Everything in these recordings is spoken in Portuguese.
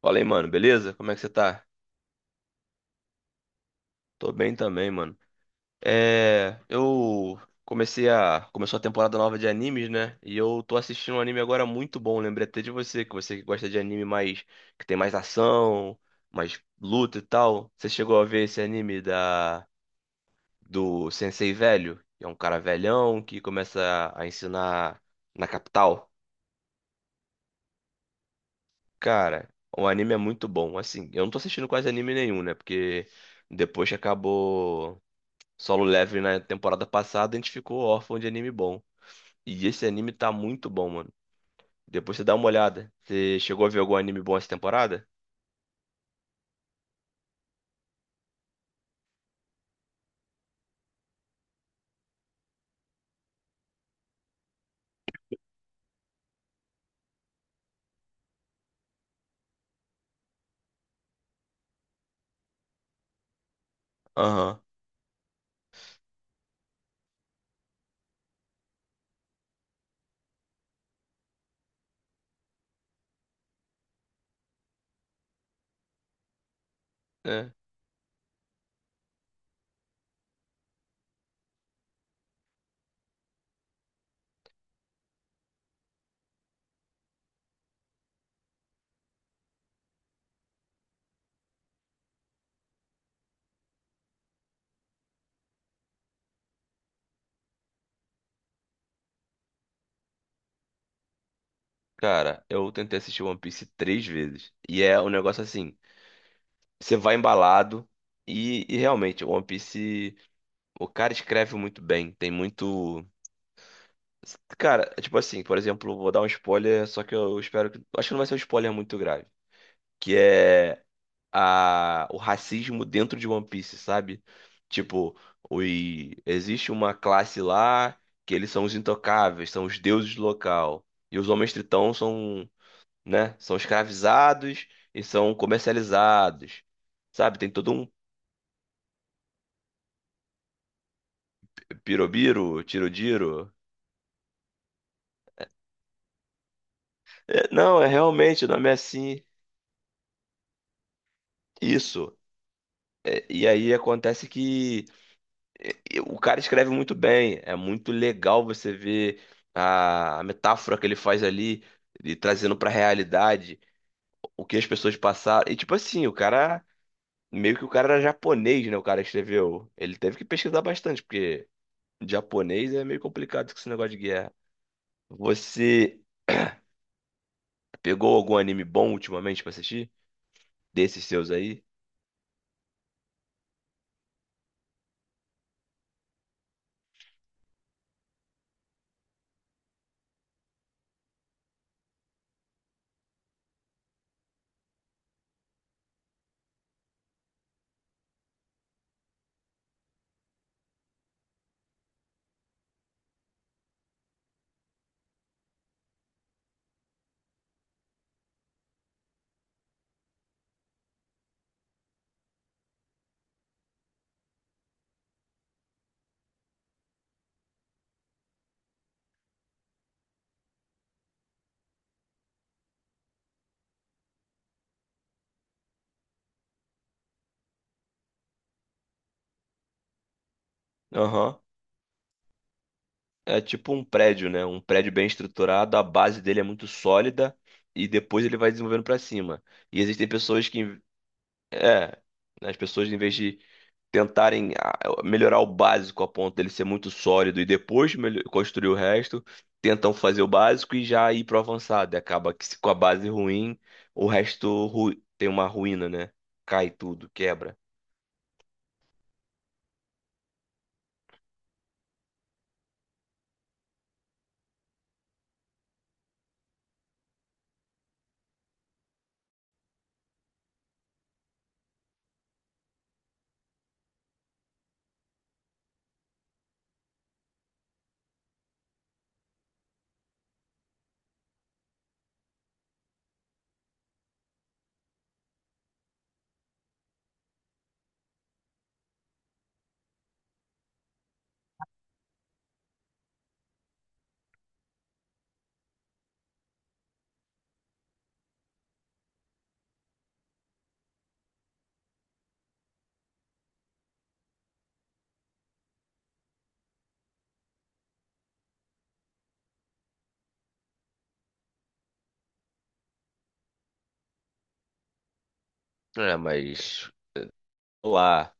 Fala aí, mano, beleza? Como é que você tá? Tô bem também, mano. Eu comecei a. Começou a temporada nova de animes, né? E eu tô assistindo um anime agora muito bom. Lembrei até de você que gosta de anime mais. Que tem mais ação, mais luta e tal. Você chegou a ver esse anime da. Do Sensei Velho? Que é um cara velhão que começa a ensinar na capital. Cara, o anime é muito bom. Assim, eu não tô assistindo quase anime nenhum, né? Porque depois que acabou. Solo Leveling na temporada passada, a gente ficou órfão de anime bom. E esse anime tá muito bom, mano. Depois você dá uma olhada. Você chegou a ver algum anime bom essa temporada? Aham. É. Cara, eu tentei assistir One Piece três vezes. E é um negócio assim, você vai embalado e realmente, One Piece, o cara escreve muito bem. Tem muito. Cara, é tipo assim, por exemplo, vou dar um spoiler, só que eu espero que. Acho que não vai ser um spoiler muito grave. Que é. O racismo dentro de One Piece, sabe? Tipo, oi, existe uma classe lá que eles são os intocáveis, são os deuses do local. E os homens tritão são, né, são escravizados e são comercializados. Sabe? Tem todo um pirobiro, tirodiro. É, não, é realmente, o nome é assim. Isso. É, e aí acontece que. E o cara escreve muito bem. É muito legal você ver a metáfora que ele faz ali, e trazendo pra realidade o que as pessoas passaram. E tipo assim, meio que o cara era japonês, né? O cara escreveu. Ele teve que pesquisar bastante, porque japonês é meio complicado com esse negócio de guerra. Você pegou algum anime bom ultimamente pra assistir? Desses seus aí? Aham. É tipo um prédio, né? Um prédio bem estruturado, a base dele é muito sólida e depois ele vai desenvolvendo pra cima. E existem é, né, as pessoas em vez de tentarem melhorar o básico a ponto dele ser muito sólido e depois construir o resto, tentam fazer o básico e já ir pro avançado. E acaba que se com a base ruim, o resto tem uma ruína, né? Cai tudo, quebra. É, mas lá.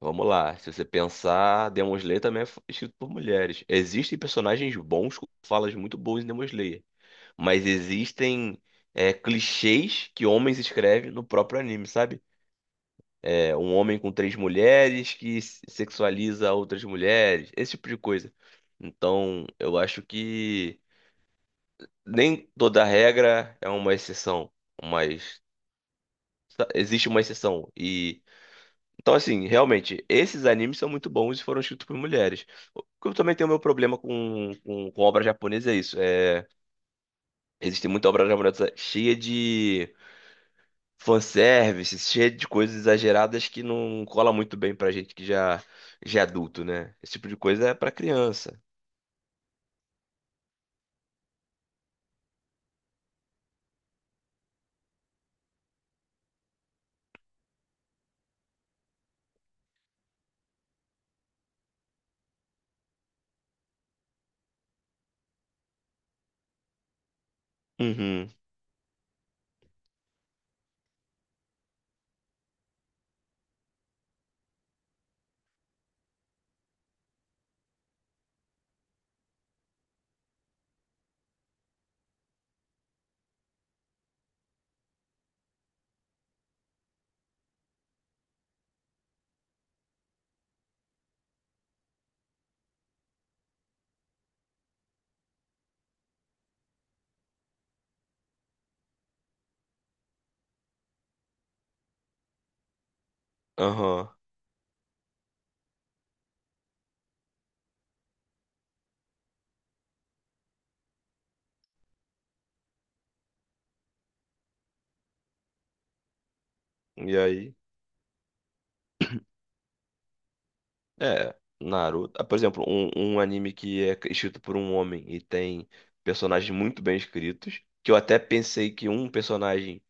Vamos lá. Se você pensar, Demon Slayer também é escrito por mulheres. Existem personagens bons com falas muito boas em Demon Slayer, mas existem clichês que homens escrevem no próprio anime, sabe? É, um homem com três mulheres que sexualiza outras mulheres, esse tipo de coisa. Então, eu acho que nem toda regra é uma exceção, mas existe uma exceção. Então, assim, realmente, esses animes são muito bons e foram escritos por mulheres. O que eu também tenho meu problema com obra japonesa é isso. É, existe muita obra japonesa cheia de fanservice, cheia de coisas exageradas que não cola muito bem pra gente que já é adulto, né? Esse tipo de coisa é pra criança. Uhum, aham. E aí? É, Naruto. Ah, por exemplo, um anime que é escrito por um homem e tem personagens muito bem escritos, que eu até pensei que um personagem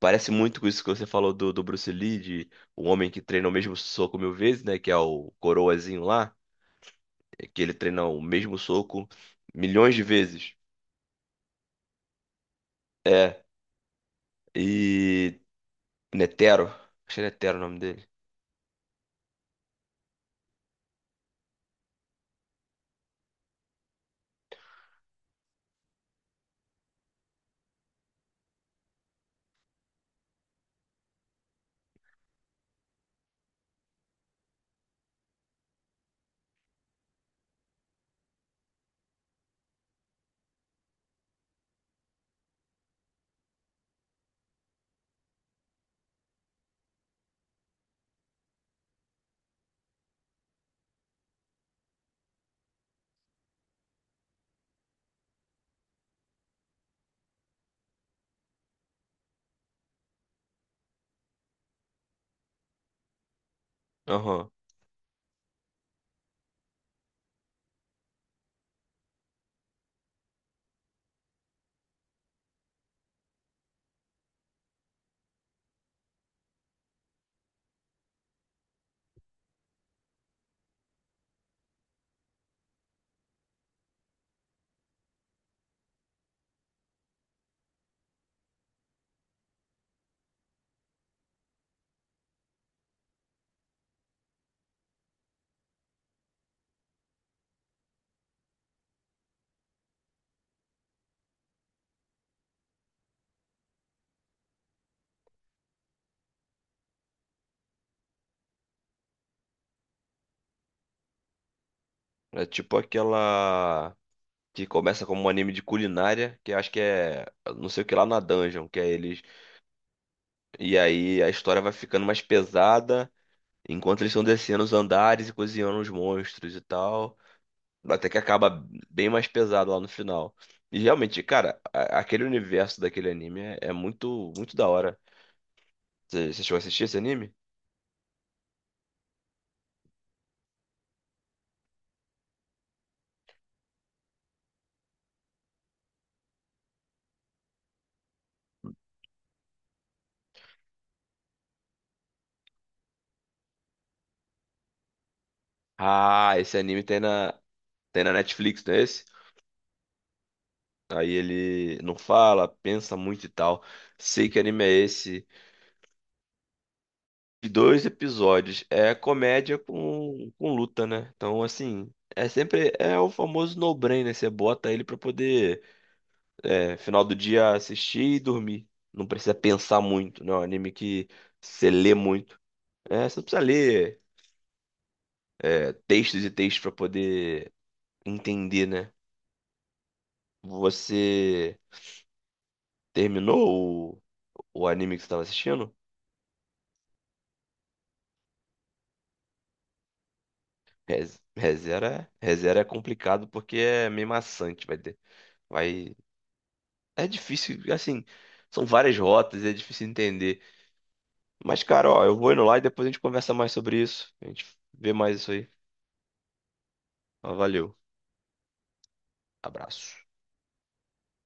parece muito com isso que você falou do Bruce Lee, de o homem que treina o mesmo soco mil vezes, né? Que é o Coroazinho lá, é que ele treina o mesmo soco milhões de vezes. É, e Netero, acho que é Netero o nome dele. Aham. É tipo aquela que começa como um anime de culinária, que eu acho que é não sei o que lá na dungeon, que é eles. E aí a história vai ficando mais pesada, enquanto eles estão descendo os andares e cozinhando os monstros e tal. Até que acaba bem mais pesado lá no final. E realmente, cara, aquele universo daquele anime é muito, muito da hora. Você chegou a assistir esse anime? Ah, esse anime tem tem na Netflix, não é esse? Aí ele não fala, pensa muito e tal. Sei que anime é esse. E dois episódios. É comédia com luta, né? Então, assim, é sempre. É o famoso no-brainer. Você bota ele pra poder é, final do dia assistir e dormir. Não precisa pensar muito, né? É um anime que você lê muito. É, você não precisa ler textos e textos pra poder entender, né? Você terminou o anime que você estava assistindo? ReZero é complicado porque é meio maçante, vai ter, vai, é difícil, assim, são várias rotas, é difícil entender. Mas, cara, ó, eu vou indo lá e depois a gente conversa mais sobre isso. A gente vê mais isso aí. Ó, valeu, abraço.